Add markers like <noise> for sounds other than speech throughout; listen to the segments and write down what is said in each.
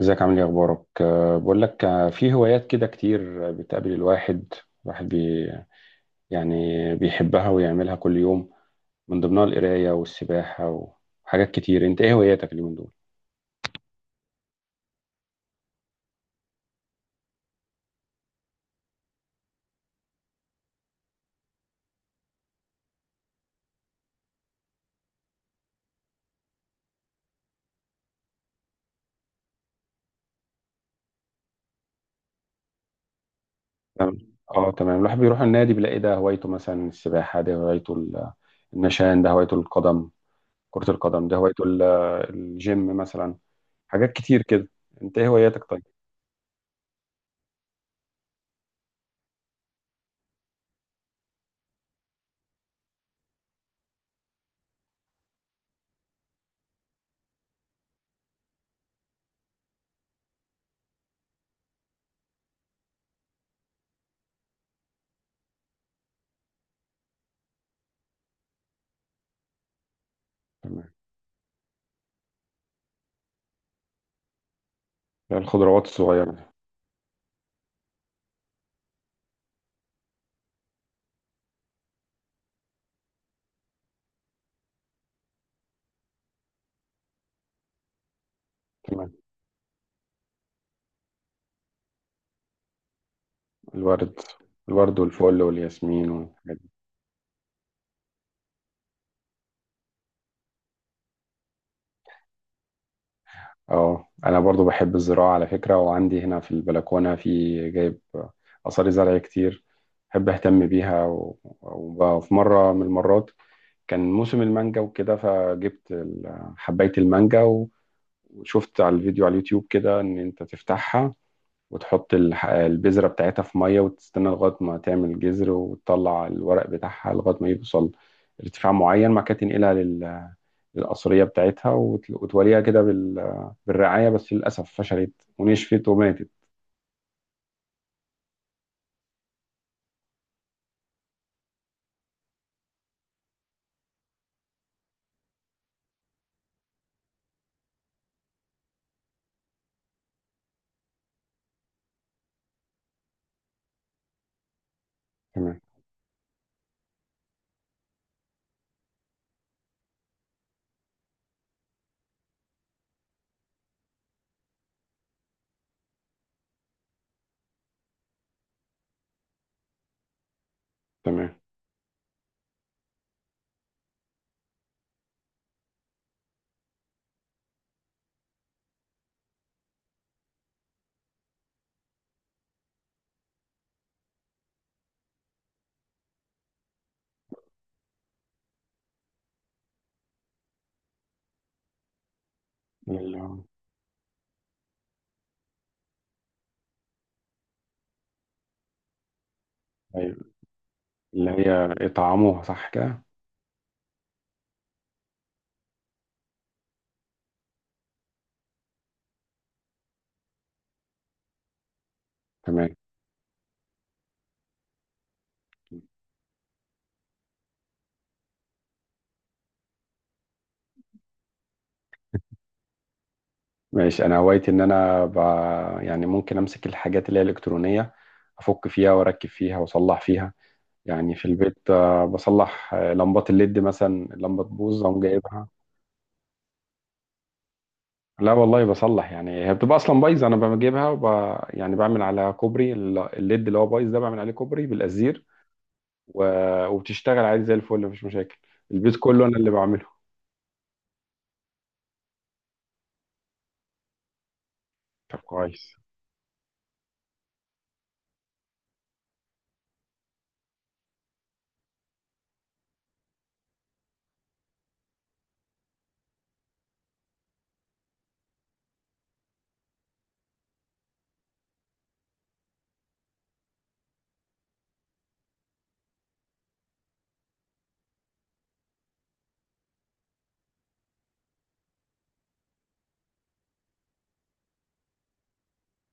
ازيك عامل ايه اخبارك؟ بقول لك، في هوايات كده كتير بتقابل الواحد الواحد بي يعني بيحبها ويعملها كل يوم، من ضمنها القرايه والسباحه وحاجات كتير. انت ايه هواياتك اليومين دول؟ تمام. اه تمام، الواحد بيروح النادي بيلاقي ده هوايته مثلا السباحه، ده هوايته النشان، ده هوايته القدم، كره القدم، ده هوايته الجيم مثلا، حاجات كتير كده. انت ايه هواياتك طيب؟ تمام. الخضروات الصغيره. تمام. الورد. الورد والفل والياسمين والحاجات. اه، انا برضو بحب الزراعة على فكرة، وعندي هنا في البلكونة في جايب آثار زرع كتير، بحب اهتم بيها وفي مرة من المرات كان موسم المانجا وكده، فجبت حباية المانجا وشفت على الفيديو على اليوتيوب كده ان انت تفتحها وتحط البذرة بتاعتها في مية، وتستنى لغاية ما تعمل جذر وتطلع الورق بتاعها لغاية ما يوصل ارتفاع معين، ما كانت تنقلها الأثرية بتاعتها وتوليها كده بالرعاية. بس للأسف فشلت ونشفت وماتت. تمام، تمام. اللي هي اللي هي يطعموها صح كده. تمام. ماشي، أنا هوايتي إن أنا يعني ممكن أمسك الحاجات اللي هي الإلكترونية، أفك فيها وأركب فيها وأصلح فيها. يعني في البيت بصلح لمبات الليد مثلا، اللمبة تبوظ أقوم جايبها. لا والله بصلح، يعني هي بتبقى اصلا بايظه، انا بجيبها يعني بعمل على كوبري الليد اللي هو بايظ ده، بعمل عليه كوبري بالازير و... وبتشتغل عادي زي الفل، مفيش مشاكل، البيت كله انا اللي بعمله. طب كويس.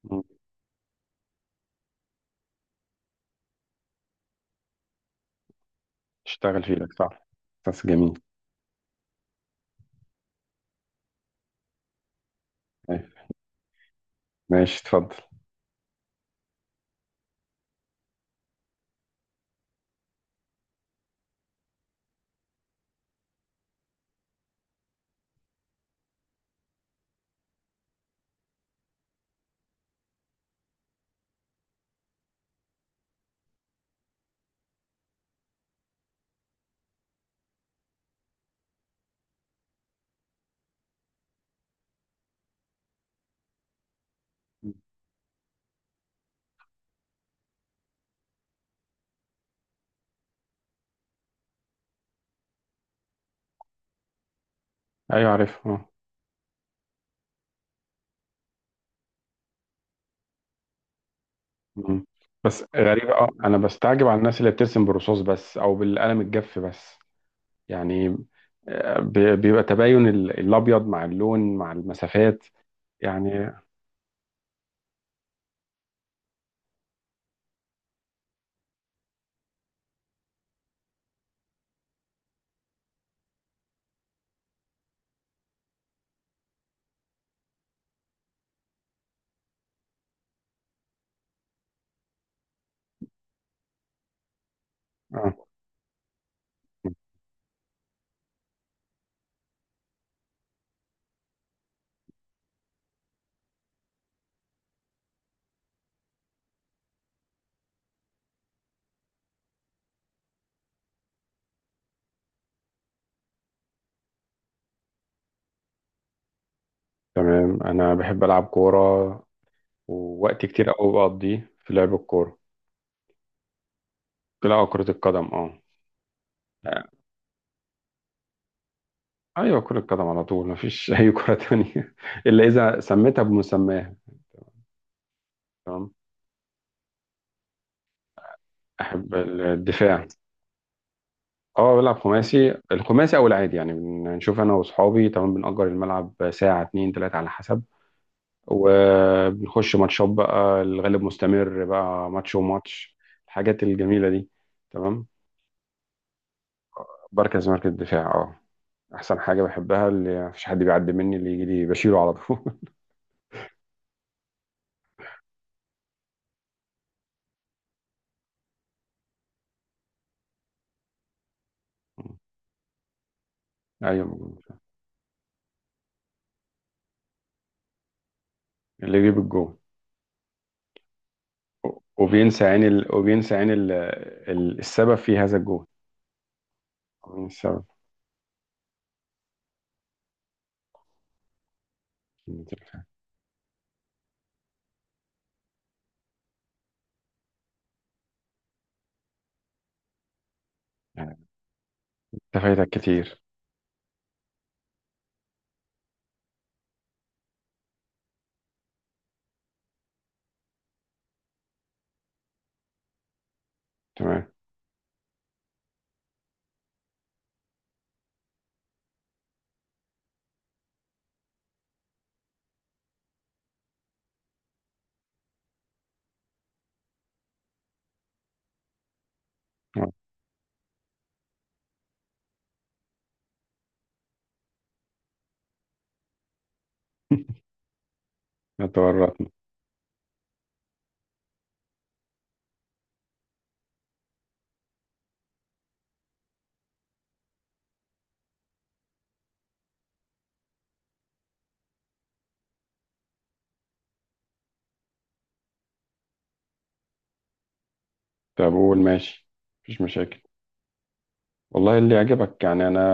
مم. تشتغل فيه لك صح. بس جميل. أيوة. ماشي، اتفضل. ايوه عارف اه. مم. بس غريبة، اه انا بستعجب على الناس اللي بترسم بالرصاص بس او بالقلم الجاف بس، يعني بيبقى تباين الابيض مع اللون مع المسافات. يعني اه تمام. انا بحب العب كورة، ووقت كتير قوي بقضيه في لعب الكورة. لا، كرة القدم اه. ايوه كرة قدم على طول، مفيش <laughs> اي كرة تانية <laughs> الا اذا سميتها بمسماها. تمام. احب الدفاع. اه بلعب خماسي، الخماسي او العادي يعني، بنشوف انا واصحابي، تمام، بنأجر الملعب ساعة اتنين تلاتة على حسب، وبنخش ماتشات بقى، الغالب مستمر بقى ماتش وماتش، الحاجات الجميلة دي. تمام. بركز مركز الدفاع اه، احسن حاجة بحبها اللي مفيش حد بيعدي مني، اللي يجي لي بشيله على طول. <laughs> ايوه، اللي يجيب الجول. وبينسى يعني السبب في هذا الجهد. مين السبب؟ يعني أنت فايتك كتير. تمام. آه، أنا تورطنا. طب قول، ماشي، مفيش مشاكل. والله اللي يعجبك، يعني انا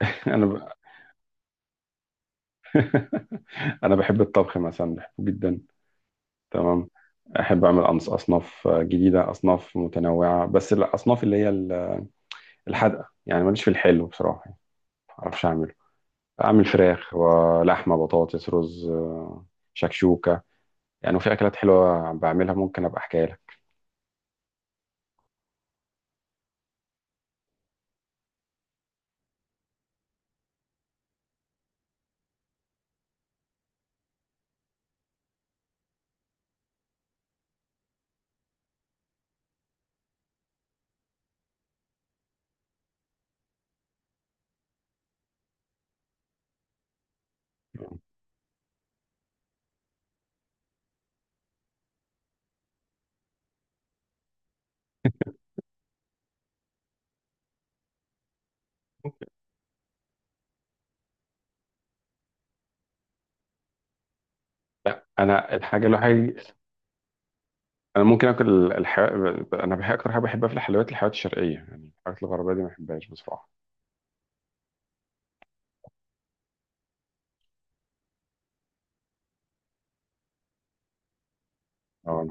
<laughs> انا ب... <laughs> انا بحب الطبخ مثلا، بحبه جدا. تمام. احب اعمل اصناف جديده، اصناف متنوعه، بس الاصناف اللي هي الحادقه، يعني ماليش في الحلو بصراحه، يعني ما اعرفش اعمله. اعمل فراخ ولحمه بطاطس رز، شكشوكه، يعني. وفي اكلات حلوه بعملها، ممكن ابقى احكيها لك. انا الحاجه الوحيده، انا ممكن اكل انا بحب اكتر حاجه بحبها في الحلويات، الحلويات الشرقيه، يعني الحاجات الغربيه دي ما بحبهاش بصراحه. اه،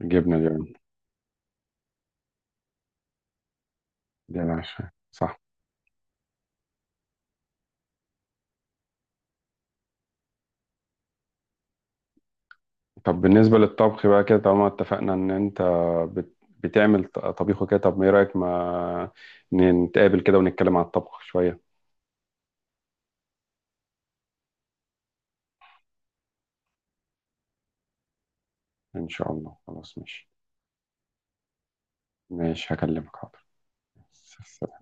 الجبنه دي، دي انا عارفها. صح. طب بالنسبه للطبخ بقى كده، طالما اتفقنا ان انت بتعمل طبيخ وكده، طب ما ايه رايك ما نتقابل كده ونتكلم عن الطبخ شويه. ان شاء الله، خلاص ماشي. ماشي، هكلمك حاضر. سلام.